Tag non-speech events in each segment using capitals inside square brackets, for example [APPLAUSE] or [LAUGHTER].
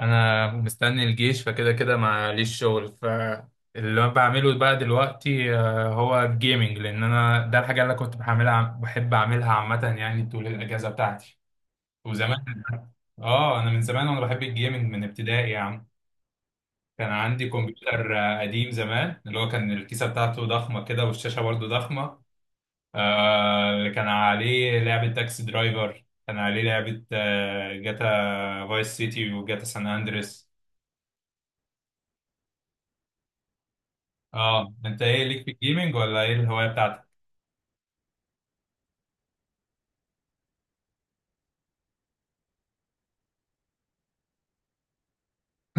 انا مستني الجيش فكده كده معليش شغل فاللي انا بعمله بقى دلوقتي هو الجيمنج لان انا ده الحاجه اللي أنا كنت بعملها بحب اعملها عامه يعني طول الاجازه بتاعتي وزمان. اه انا من زمان وانا بحب الجيمنج من ابتدائي يا عم. كان عندي كمبيوتر قديم زمان اللي هو كان الكيسه بتاعته ضخمه كده والشاشه برضو ضخمه. اللي كان عليه لعبه تاكسي درايفر، كان عليه لعبه جاتا فايس سيتي وجاتا سان اندريس. اه انت ايه ليك في الجيمنج ولا ايه الهوايه بتاعتك؟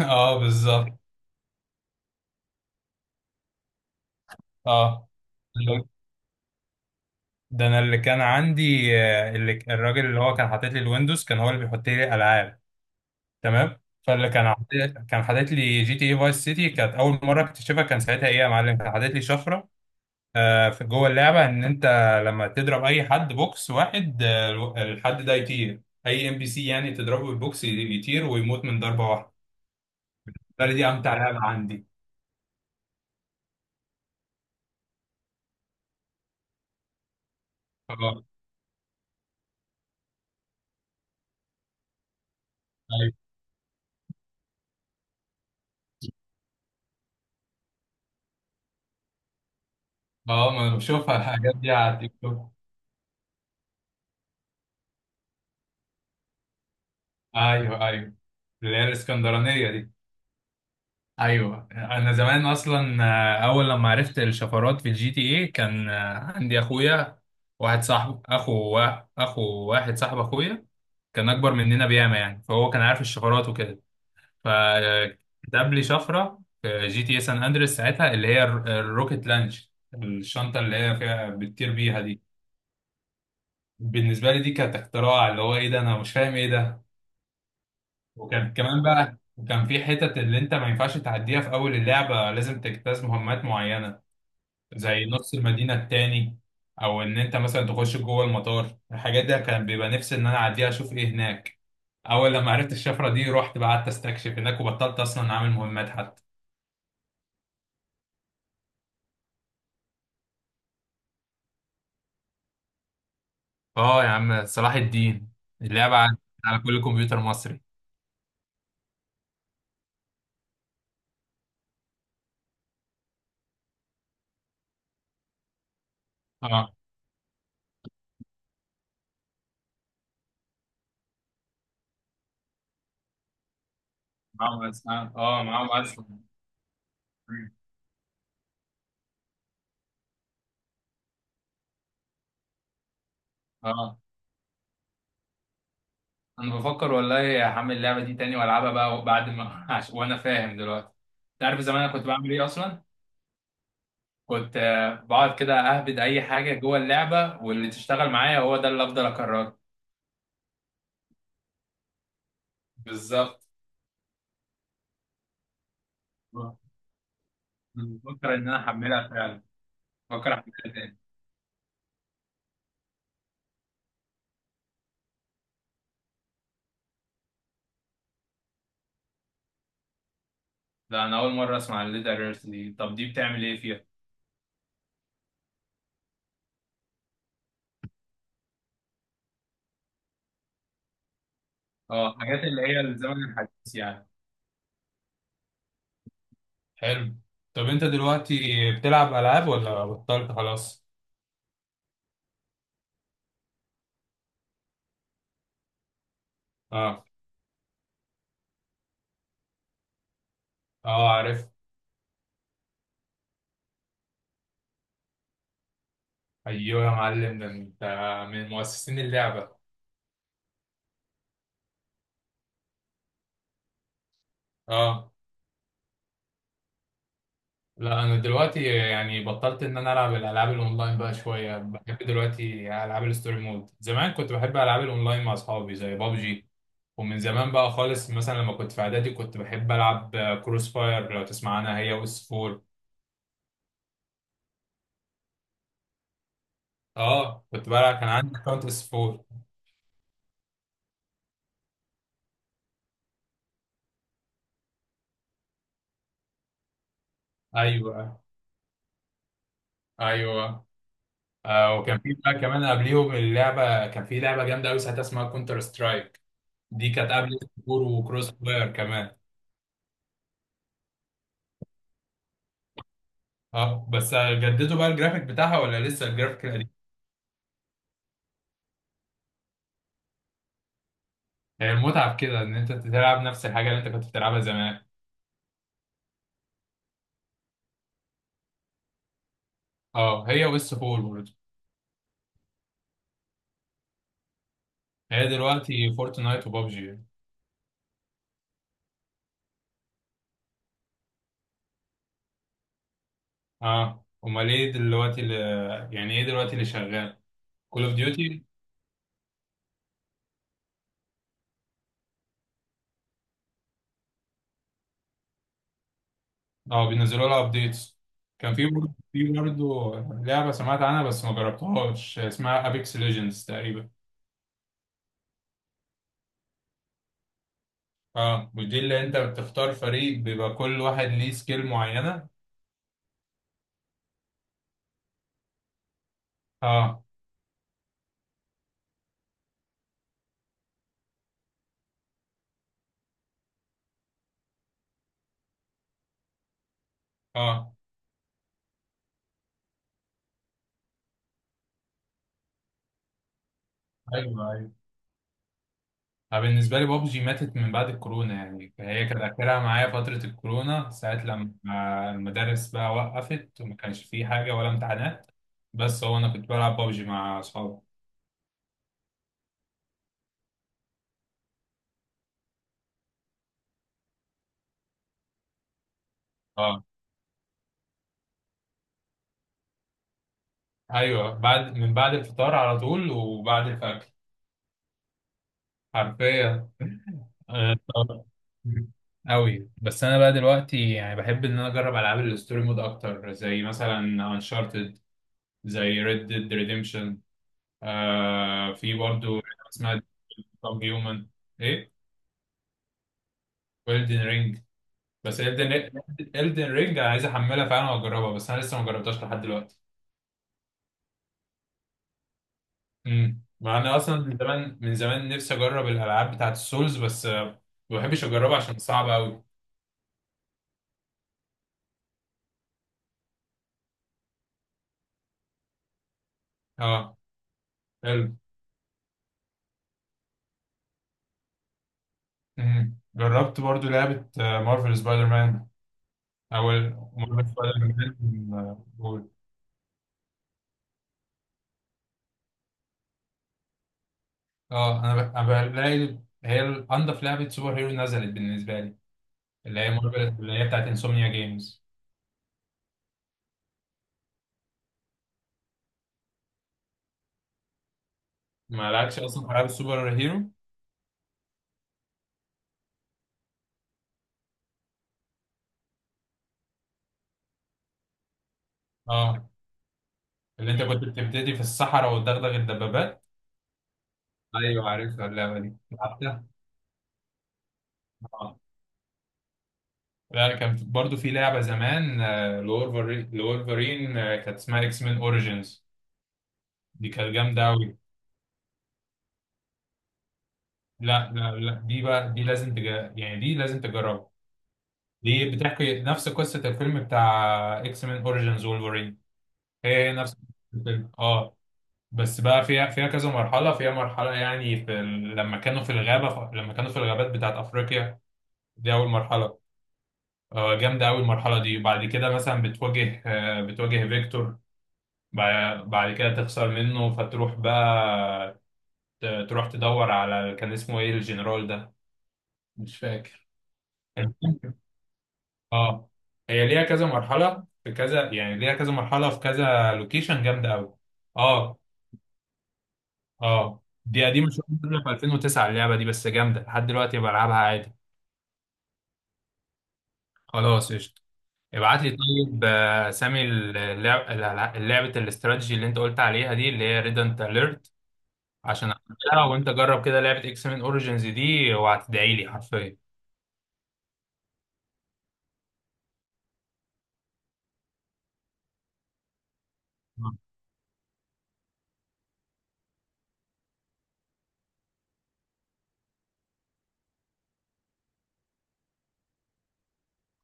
[LAUGHS] اه بالظبط. اه ده انا اللي كان عندي اللي الراجل اللي هو كان حاطط لي الويندوز كان هو اللي بيحط لي الالعاب. تمام، فاللي كان حاطط لي جي تي اي فايس سيتي كانت اول مره اكتشفها، كان ساعتها ايه يا معلم كان حاطط لي شفره في جوه اللعبه ان انت لما تضرب اي حد بوكس واحد، الحد ده يطير. اي ام بي سي يعني تضربه بالبوكس يطير ويموت من ضربه واحده. قال لي دي امتع لعبه عندي. اه، أيوة. اه ما انا بشوفها الحاجات دي على التيك توك. ايوه، ايوه، اللي هي الاسكندرانيه دي. ايوه انا زمان اصلا اول لما عرفت الشفرات في الجي تي ايه كان عندي اخويا واحد صاحب اخو واحد صاحب اخويا كان اكبر مننا بياما يعني، فهو كان عارف الشفرات وكده. فكتب لي شفره في جي تي اي سان اندريس ساعتها اللي هي الروكت لانش، الشنطه اللي هي فيها بتطير بيها دي. بالنسبه لي دي كانت اختراع، اللي هو ايه ده، انا مش فاهم ايه ده. وكان كمان بقى، وكان في حتت اللي انت ما ينفعش تعديها في اول اللعبة، لازم تجتاز مهمات معينة زي نص المدينة التاني او ان انت مثلا تخش جوه المطار. الحاجات دي كان بيبقى نفسي ان انا اعديها اشوف ايه هناك. اول لما عرفت الشفرة دي رحت بقى قعدت استكشف هناك وبطلت اصلا اعمل مهمات حتى. اه يا عم صلاح الدين، اللعبة على على كل كمبيوتر مصري. اه، معاهم أسلحة، اه معاهم أسلحة. اه انا بفكر والله هعمل اللعبه دي تاني والعبها بقى بعد ما [LAUGHS] وانا فاهم دلوقتي. انت عارف زمان انا كنت بعمل ايه اصلا؟ كنت بقعد كده اهبد اي حاجه جوه اللعبه واللي تشتغل معايا هو ده اللي افضل اكرره. بالظبط. أنا بفكر ان انا احملها فعلا، بفكر احملها تاني. ده انا اول مره اسمع الليدر ايرث دي، طب دي بتعمل ايه فيها؟ اه، حاجات اللي هي الزمن الحديث يعني. حلو. طب انت دلوقتي بتلعب العاب ولا بطلت خلاص؟ اه، اه عارف. ايوه يا معلم، ده انت من مؤسسين اللعبه. اه، لا انا دلوقتي يعني بطلت ان انا العب الالعاب الاونلاين بقى شويه، بحب دلوقتي العاب الستوري مود، زمان كنت بحب العاب الاونلاين مع اصحابي زي بابجي. ومن زمان بقى خالص مثلا لما كنت في اعدادي كنت بحب العب كروس فاير لو تسمع عنها، هي واس 4. اه كنت بلعب، كان عندي اكونت اس 4. ايوه، ايوه. آه وكان في بقى كمان قبليهم اللعبه، كان في لعبه جامده قوي ساعتها اسمها كونتر سترايك. دي كانت قبل سكور وكروس فاير كمان. اه بس جددوا بقى الجرافيك بتاعها ولا لسه الجرافيك القديم؟ هي المتعة في كده ان انت تلعب نفس الحاجة اللي انت كنت بتلعبها زمان. اه، هي ويس فول برضه. هي دلوقتي فورتنايت وبابجي. اه امال ايه دلوقتي اللي، يعني ايه دلوقتي اللي شغال؟ كول اوف ديوتي. اه بينزلوا لها ابديتس. كان في برضه، لعبة سمعت عنها بس ما جربتهاش اسمها ابيكس ليجندز تقريبا. اه، ودي اللي انت بتختار فريق بيبقى كل واحد ليه سكيل معينة. اه، اه، ايوه، ايوه. أنا بالنسبه لي بابجي ماتت من بعد الكورونا يعني، فهي كان اخرها معايا فتره الكورونا ساعه لما المدارس بقى وقفت وما كانش فيه حاجه ولا امتحانات. بس هو انا كنت بلعب بابجي مع اصحابي. اه ايوه، بعد من بعد الفطار على طول وبعد الفجر، حرفيا. طبعاً. أوي بس أنا بقى دلوقتي يعني بحب إن أنا أجرب ألعاب الستوري مود أكتر زي مثلا أنشارتد، زي ريد ديد ريديمشن. آه في برضو اسمها كام هيومن، ايه، ويلدن رينج، بس الدن، الدن رينج انا عايز احملها فعلا واجربها بس انا لسه ما جربتهاش لحد دلوقتي. مع اني اصلا من زمان من زمان نفسي اجرب الالعاب بتاعت السولز بس ما بحبش اجربها عشان صعبه قوي. اه. حلو. جربت برضو لعبه مارفل سبايدر مان اول. مارفل سبايدر مان قول. اه أنا بلاقي هي انضف لعبه سوبر هيرو نزلت بالنسبه لي، اللي هي مارفل اللي هي بتاعت انسomnia جيمز. ما لعبتش اصلا في العاب السوبر هيرو. اه، اللي انت كنت بتبتدي في الصحراء وتدغدغ الدبابات. ايوه عارفها اللعبه دي لعبتها. اه، لا كانت برضو في لعبه زمان لولفرين، لولفرين كانت اسمها اكس مان اوريجينز، دي كانت جامده قوي. لا، لا، لا، دي بقى يعني دي لازم تجربها. دي بتحكي نفس قصه الفيلم بتاع اكس مان اوريجينز وولفرين. هي هي نفس الفيلم اه. بس بقى فيها كذا مرحلة، فيها مرحلة يعني لما كانوا في الغابة، لما كانوا في الغابات بتاعت أفريقيا، دي أول مرحلة. جامدة أوي المرحلة دي. بعد كده مثلا بتواجه بتواجه فيكتور. بعد كده تخسر منه فتروح بقى تروح تدور على كان اسمه إيه الجنرال ده، مش فاكر. [LAUGHS] اه هي ليها كذا مرحلة في كذا، يعني ليها كذا مرحلة في كذا لوكيشن جامدة أوي. اه. اه دي قديمه شويه، نازله في 2009 اللعبه دي بس جامده لحد دلوقتي بلعبها عادي. خلاص قشطه. ابعت لي طيب سامي اللعب لعبه الاستراتيجي اللي انت قلت عليها دي اللي هي ريدنت اليرت عشان اعملها، وانت جرب كده لعبه اكس مان اوريجينز دي وهتدعي لي حرفيا.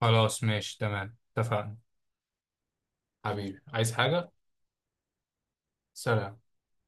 خلاص ماشي تمام اتفقنا. حبيبي عايز حاجه؟ سلام.